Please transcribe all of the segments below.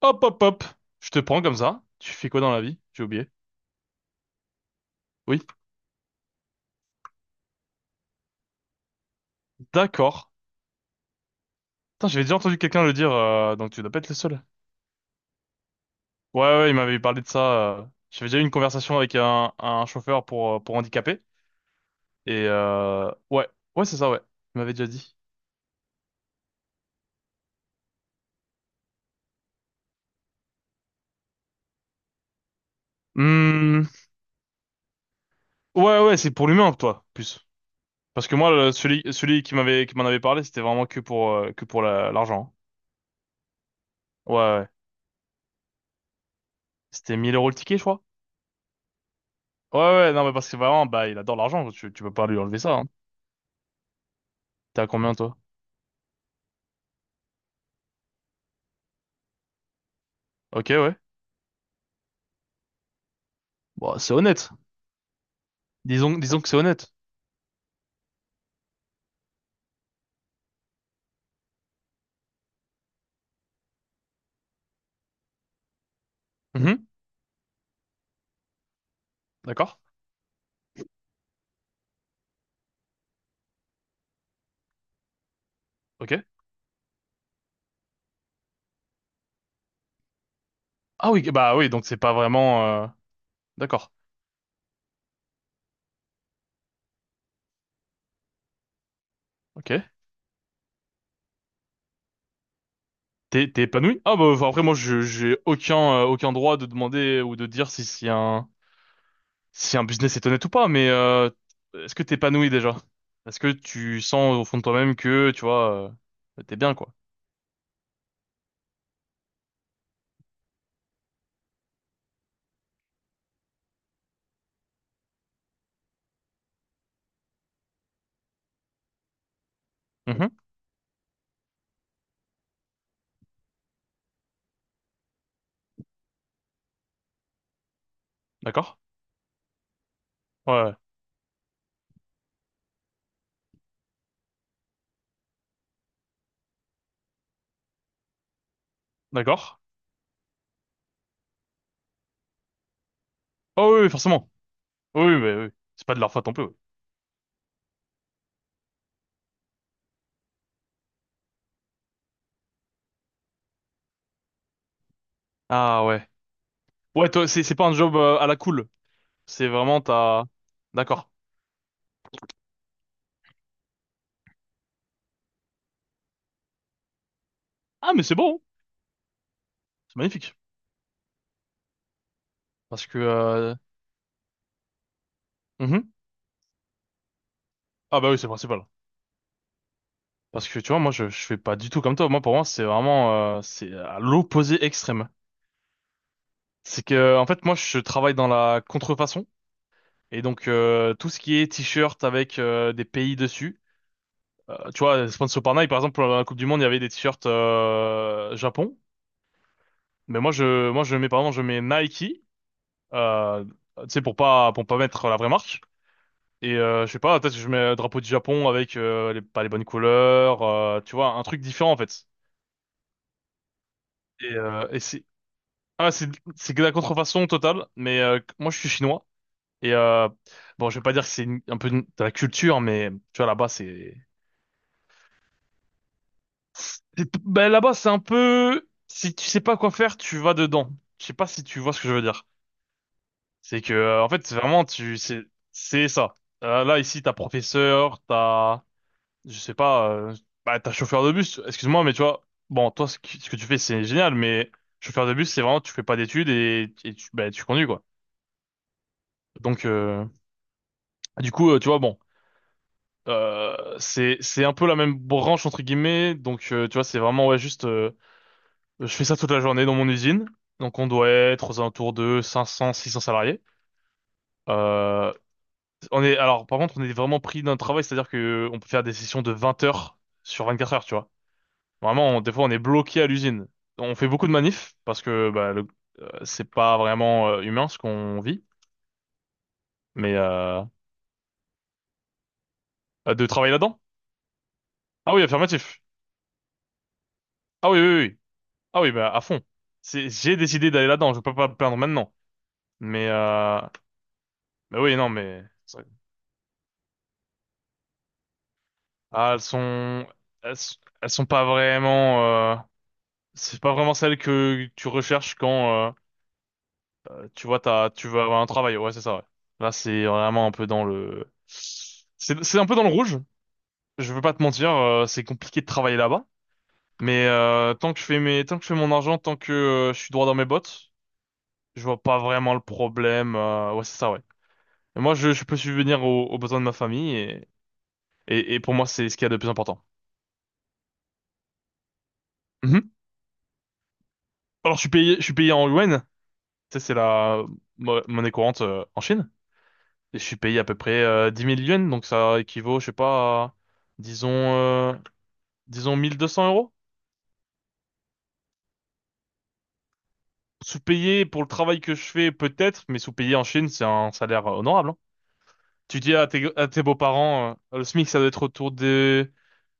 Hop, hop, hop. Je te prends comme ça. Tu fais quoi dans la vie? J'ai oublié. Oui, d'accord. Putain, j'avais déjà entendu quelqu'un le dire, donc tu dois pas être le seul. Ouais, ouais, il m'avait parlé de ça. J'avais déjà eu une conversation avec un chauffeur pour handicapés. Et ouais, ouais, c'est ça, ouais. Il m'avait déjà dit. Hmm. Ouais, ouais, c'est pour l'humain, toi, plus. Parce que moi, celui qui m'avait, qui m'en avait parlé, c'était vraiment que pour l'argent. Hein. Ouais, ouais. C'était 1 000 € le ticket, je crois. Ouais, ouais, non, mais parce que vraiment, bah, il adore l'argent. Tu peux pas lui enlever ça. Hein. T'es à combien, toi? Ok, ouais. Bon, c'est honnête. Disons, disons que c'est honnête. Mhm. D'accord. Ok. Ah oui, bah oui, donc c'est pas vraiment. D'accord. Ok. T'es épanoui? Ah bah enfin, après moi je j'ai aucun droit de demander ou de dire si un business est honnête ou pas. Mais est-ce que t'es épanoui déjà? Est-ce que tu sens au fond de toi-même que tu vois, t'es bien quoi? Mhm. D'accord. Ouais. Ouais. D'accord. Oh oui, oui, forcément. Oui, oui, bah oui. C'est pas de leur faute non plus. Oui. Ah ouais. Ouais, toi c'est pas un job, à la cool. C'est vraiment ta. D'accord. Ah, mais c'est beau, hein. C'est magnifique. Parce que. Mhm. Ah bah oui, c'est le principal. Parce que tu vois, moi, je fais pas du tout comme toi. Moi, pour moi, c'est vraiment, c'est à l'opposé extrême. C'est que, en fait, moi, je travaille dans la contrefaçon. Et donc, tout ce qui est t-shirt avec, des pays dessus. Tu vois, sponsor par Nike, par exemple, pour la Coupe du Monde, il y avait des t-shirts, Japon. Mais moi, je mets, pardon, je mets Nike. Euh, Tu sais, pour pas mettre la vraie marque. Et je sais pas, peut-être que je mets un drapeau du Japon avec, pas les bonnes couleurs, tu vois, un truc différent en fait. Et c'est ah c'est que la contrefaçon totale. Mais moi je suis chinois et bon je vais pas dire que c'est un peu de la culture, mais tu vois là-bas ben là-bas c'est un peu, si tu sais pas quoi faire tu vas dedans. Je sais pas si tu vois ce que je veux dire. C'est que, en fait c'est vraiment tu c'est ça. Là ici t'as professeur, t'as je sais pas, bah, t'as chauffeur de bus, excuse-moi, mais tu vois, bon, toi, ce que tu fais, c'est génial, mais chauffeur de bus, c'est vraiment, tu fais pas d'études et bah, tu conduis, quoi. Donc, du coup, tu vois, bon, c'est un peu la même branche, entre guillemets, donc, tu vois, c'est vraiment, ouais, juste, je fais ça toute la journée dans mon usine, donc on doit être aux alentours de 500, 600 salariés. Euh, on est, alors, par contre, on est vraiment pris d'un travail, c'est-à-dire que on peut faire des sessions de 20 heures sur 24 heures, tu vois. Vraiment, des fois, on est bloqué à l'usine. On fait beaucoup de manifs parce que bah, c'est pas vraiment, humain ce qu'on vit, mais de travailler là-dedans. Ah oui, affirmatif. Ah oui, oui, oui. Oui. Ah oui, bah à fond. C'est, j'ai décidé d'aller là-dedans. Je peux pas me plaindre maintenant. Mais, euh, mais oui, non, ah, elles sont, elles sont pas vraiment. euh, C'est pas vraiment celles que tu recherches quand, tu vois tu veux avoir un travail. Ouais, c'est ça. Ouais. Là, c'est vraiment un peu dans le. C'est un peu dans le rouge. Je veux pas te mentir, c'est compliqué de travailler là-bas. Mais tant que je fais tant que je fais mon argent, tant que je suis droit dans mes bottes, je vois pas vraiment le problème. Ouais, c'est ça, ouais. Et moi, je peux subvenir aux besoins de ma famille et pour moi, c'est ce qu'il y a de plus important. Mhm. Alors, je suis payé en yuan. Tu sais, c'est la monnaie courante, en Chine. Et je suis payé à peu près, 10 000 yuan, donc ça équivaut, je sais pas, à, disons, euh, disons 1200 euros. Sous-payé pour le travail que je fais, peut-être, mais sous-payé en Chine, c'est un salaire, honorable. Hein. Tu dis à tes beaux-parents, le SMIC, ça doit être autour des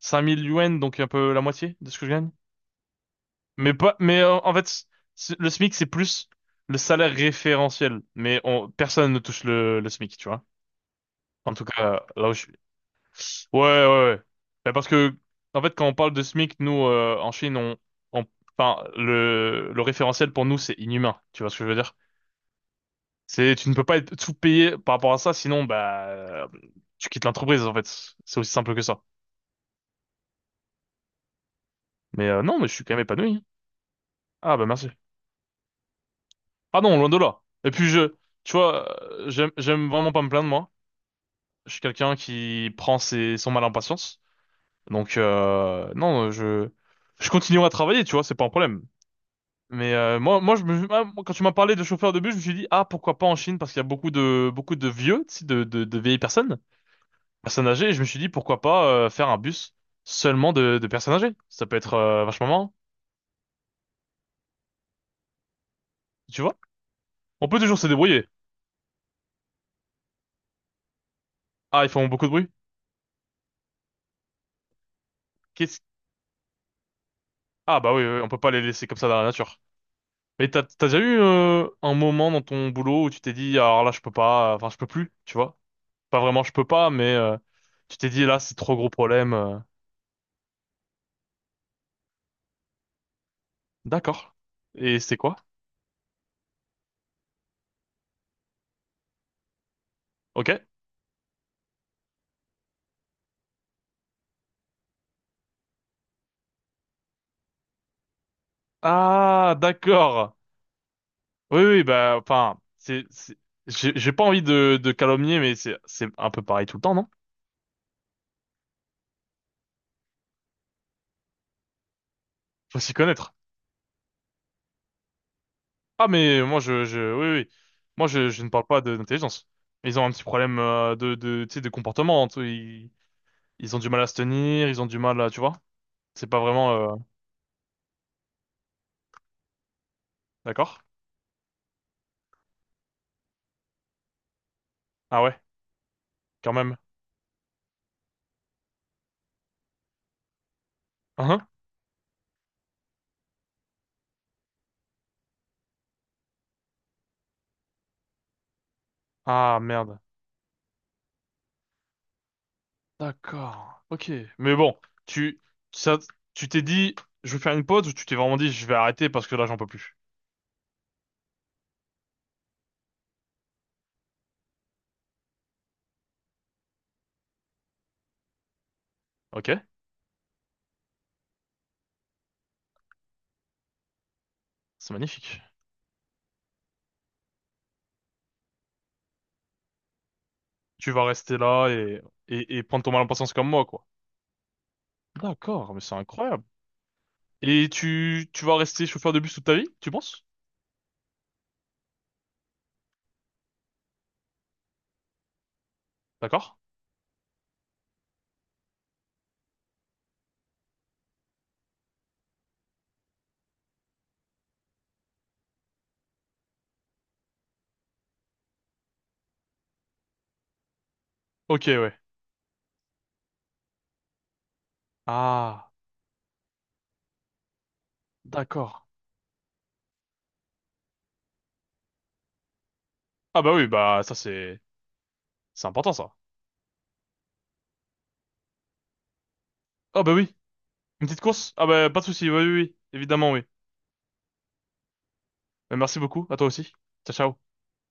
5 000 yuan, donc un peu la moitié de ce que je gagne. Mais pas, mais en fait, le SMIC, c'est plus le salaire référentiel. Mais personne ne touche le SMIC, tu vois. En tout cas, là où je suis. Ouais, ouais, ouais. Ben, parce que, en fait, quand on parle de SMIC, nous, en Chine, on, enfin, le référentiel pour nous, c'est inhumain. Tu vois ce que je veux dire? C'est, tu ne peux pas être sous-payé par rapport à ça, sinon, bah, tu quittes l'entreprise, en fait. C'est aussi simple que ça. Mais non, mais je suis quand même épanoui. Ah bah merci. Ah non, loin de là. Et puis tu vois, j'aime vraiment pas me plaindre moi. Je suis quelqu'un qui prend ses son mal en patience. Donc non, je continuerai à travailler, tu vois, c'est pas un problème. Mais moi moi je me ah, moi, quand tu m'as parlé de chauffeur de bus, je me suis dit, ah, pourquoi pas en Chine, parce qu'il y a beaucoup de vieux, tu sais, de vieilles personnes, personnes âgées. Et je me suis dit pourquoi pas, faire un bus seulement de personnes âgées. Ça peut être, vachement marrant, tu vois. On peut toujours se débrouiller. Ah ils font beaucoup de bruit. Ah bah oui, oui, oui, on peut pas les laisser comme ça dans la nature. Mais t'as déjà eu, un moment dans ton boulot où tu t'es dit, ah, alors là je peux pas, enfin je peux plus, tu vois? Pas vraiment je peux pas, mais tu t'es dit là c'est trop gros problème. D'accord. Et c'est quoi? Ok. Ah d'accord. Oui oui bah enfin j'ai pas envie de calomnier, mais c'est un peu pareil tout le temps non? Faut s'y connaître. Ah mais moi je oui, oui, moi je ne parle pas d'intelligence. Ils ont un petit problème, de tu sais, de comportement. Tu Ils ont du mal à se tenir, ils ont du mal à, tu vois? C'est pas vraiment, d'accord? Ah ouais, quand même. Hein. Ah merde. D'accord. Ok. Mais bon, tu, ça, tu t'es dit, je vais faire une pause ou tu t'es vraiment dit, je vais arrêter parce que là, j'en peux plus. Ok? C'est magnifique. Tu vas rester là et prendre ton mal en patience comme moi, quoi. D'accord, mais c'est incroyable. Et tu vas rester chauffeur de bus toute ta vie, tu penses? D'accord? Ok, ouais. Ah, d'accord. Ah bah oui, bah ça c'est important ça. Ah bah oui. Une petite course? Ah bah pas de souci, oui, oui, oui, évidemment, oui. Merci beaucoup, à toi aussi. Ciao, ciao.